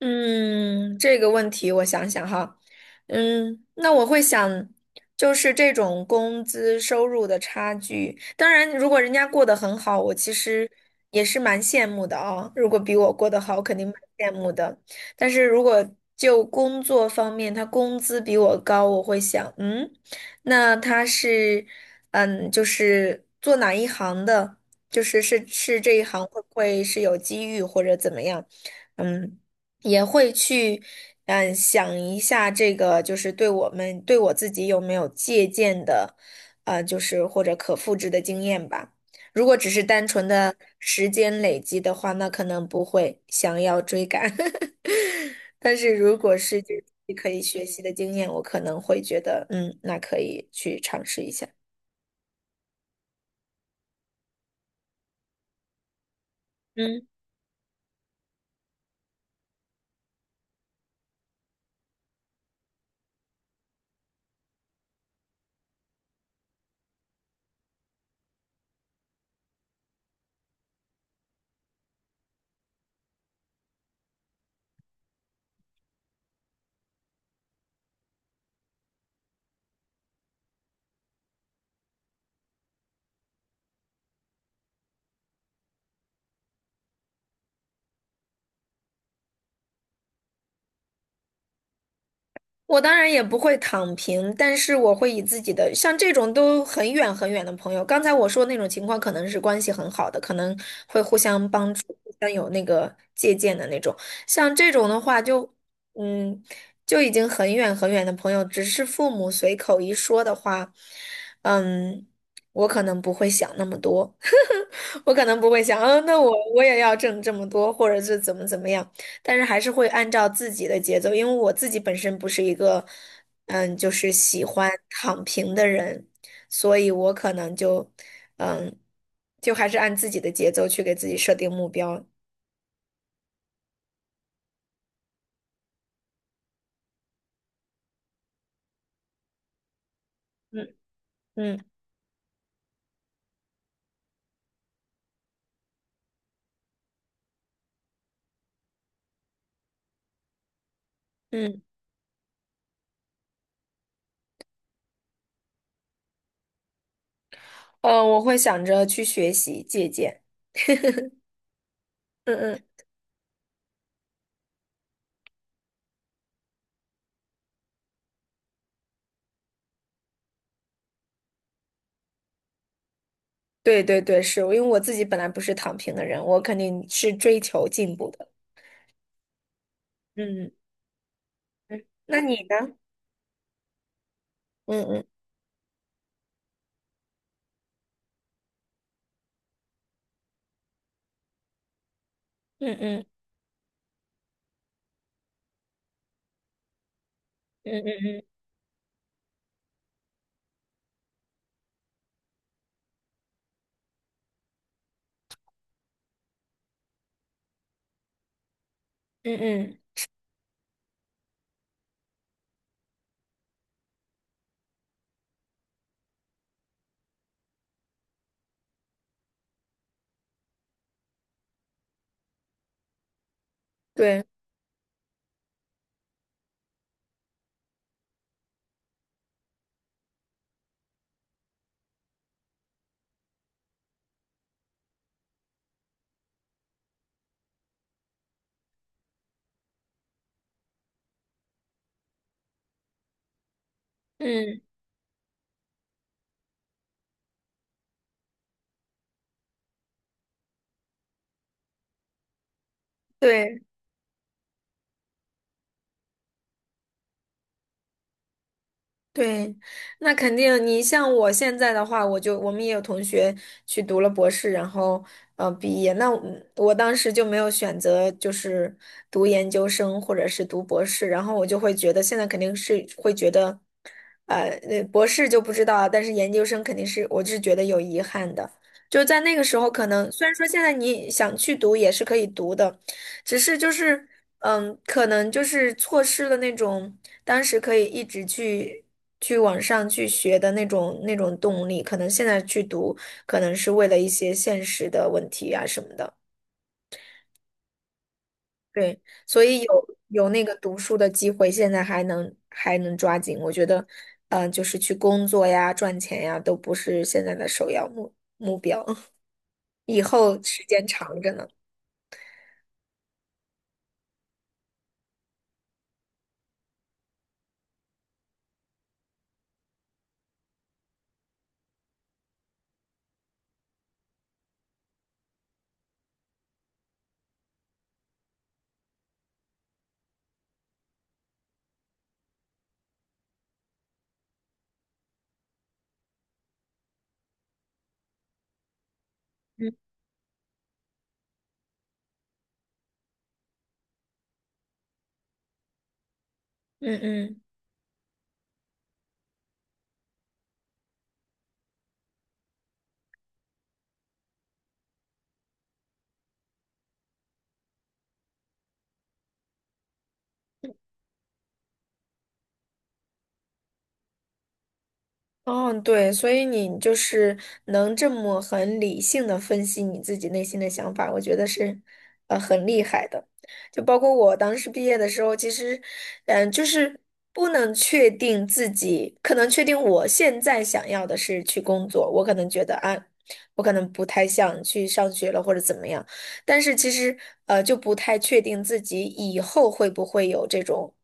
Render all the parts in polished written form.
嗯，这个问题我想想哈，那我会想，就是这种工资收入的差距。当然，如果人家过得很好，我其实也是蛮羡慕的啊。如果比我过得好，肯定蛮羡慕的。但是如果就工作方面，他工资比我高，我会想，那他是，就是做哪一行的？就是这一行会不会是有机遇或者怎么样？嗯。也会去，想一下这个就是对我们对我自己有没有借鉴的，就是或者可复制的经验吧。如果只是单纯的时间累积的话，那可能不会想要追赶。但是如果是就是可以学习的经验，我可能会觉得，那可以去尝试一下。嗯。我当然也不会躺平，但是我会以自己的，像这种都很远很远的朋友，刚才我说那种情况，可能是关系很好的，可能会互相帮助，互相有那个借鉴的那种。像这种的话就，嗯，就已经很远很远的朋友，只是父母随口一说的话，嗯，我可能不会想那么多。我可能不会想，那我也要挣这么多，或者是怎么样，但是还是会按照自己的节奏，因为我自己本身不是一个，就是喜欢躺平的人，所以我可能就，嗯，就还是按自己的节奏去给自己设定目标。嗯嗯嗯。我会想着去学习借鉴。嗯嗯，对对对，是因为我自己本来不是躺平的人，我肯定是追求进步的。嗯嗯。嗯那你呢？嗯嗯嗯嗯。嗯嗯嗯嗯，对，嗯对，对，那肯定。你像我现在的话，我们也有同学去读了博士，然后毕业。那我当时就没有选择，就是读研究生或者是读博士，然后我就会觉得现在肯定是会觉得，博士就不知道啊，但是研究生肯定是我是觉得有遗憾的。就在那个时候，可能虽然说现在你想去读也是可以读的，只是就是可能就是错失了那种。当时可以一直去往上去学的那种动力，可能现在去读，可能是为了一些现实的问题啊什么的。对，所以有那个读书的机会，现在还能抓紧。我觉得，就是去工作呀、赚钱呀，都不是现在的首要目标，以后时间长着呢。嗯嗯嗯。嗯，对，所以你就是能这么很理性的分析你自己内心的想法，我觉得是，很厉害的。就包括我当时毕业的时候，其实，就是不能确定自己，可能确定我现在想要的是去工作，我可能觉得啊，我可能不太想去上学了或者怎么样，但是其实，就不太确定自己以后会不会有这种。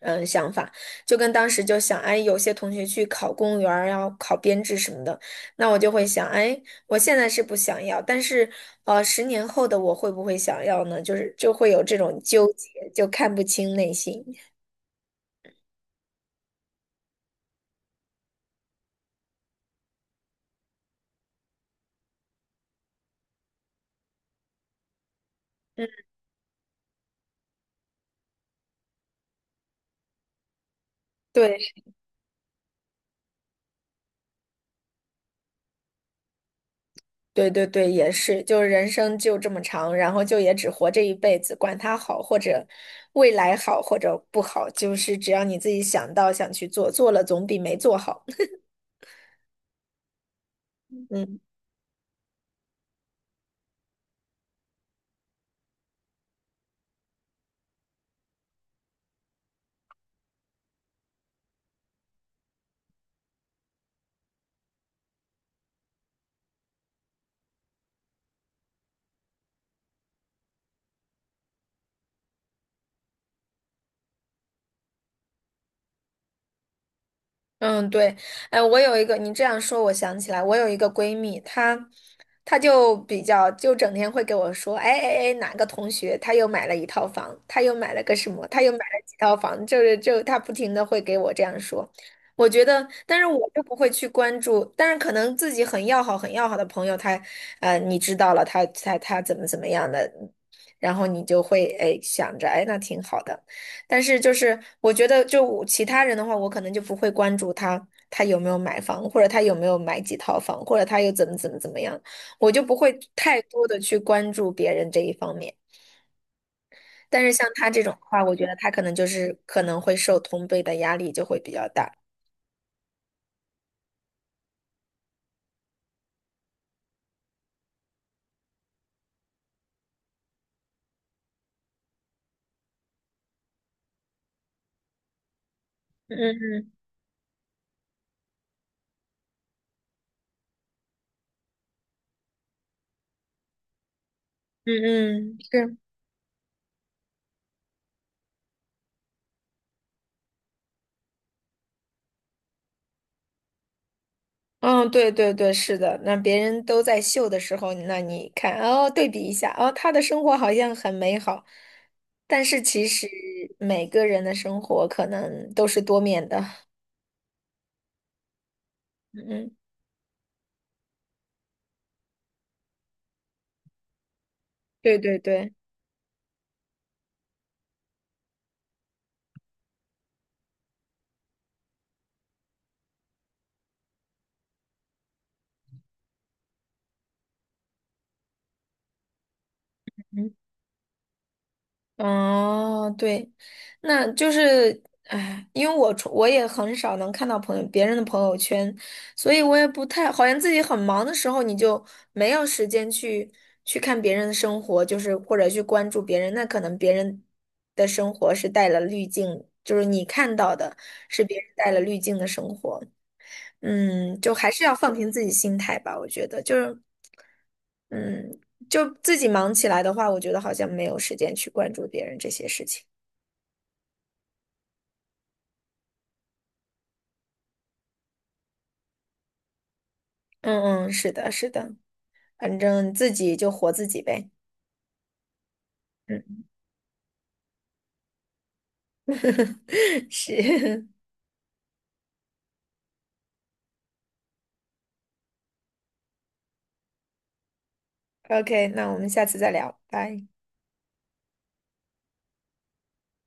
想法。就跟当时就想，哎，有些同学去考公务员儿，要考编制什么的，那我就会想，哎，我现在是不想要，但是，10年后的我会不会想要呢？就是就会有这种纠结，就看不清内心。嗯，对，对对对，也是，就是人生就这么长，然后就也只活这一辈子，管它好或者未来好或者不好，就是只要你自己想到想去做，做了总比没做好。嗯。嗯，对，哎，我有一个，你这样说，我想起来，我有一个闺蜜，她就比较，就整天会给我说，哎哎哎，哪个同学他又买了一套房，他又买了个什么，他又买了几套房，就是就她不停的会给我这样说，我觉得，但是我就不会去关注，但是可能自己很要好、很要好的朋友，他，你知道了，他怎么样的，然后你就会哎想着，哎，那挺好的。但是就是我觉得，就我其他人的话，我可能就不会关注他有没有买房，或者他有没有买几套房，或者他又怎么样，我就不会太多的去关注别人这一方面。但是像他这种的话，我觉得他可能就是可能会受同辈的压力就会比较大。嗯嗯嗯嗯，是。嗯，对对对，是的。那别人都在秀的时候，那你看，哦，对比一下，哦，他的生活好像很美好，但是其实每个人的生活可能都是多面的。嗯，嗯对对对。嗯。哦，对，那就是，哎，因为我也很少能看到朋友别人的朋友圈，所以我也不太，好像自己很忙的时候，你就没有时间去看别人的生活，就是或者去关注别人，那可能别人的生活是带了滤镜，就是你看到的是别人带了滤镜的生活。就还是要放平自己心态吧，我觉得就是，嗯，就自己忙起来的话，我觉得好像没有时间去关注别人这些事情。嗯嗯，是的，是的，反正自己就活自己呗。嗯，是 OK，那我们下次再聊，拜。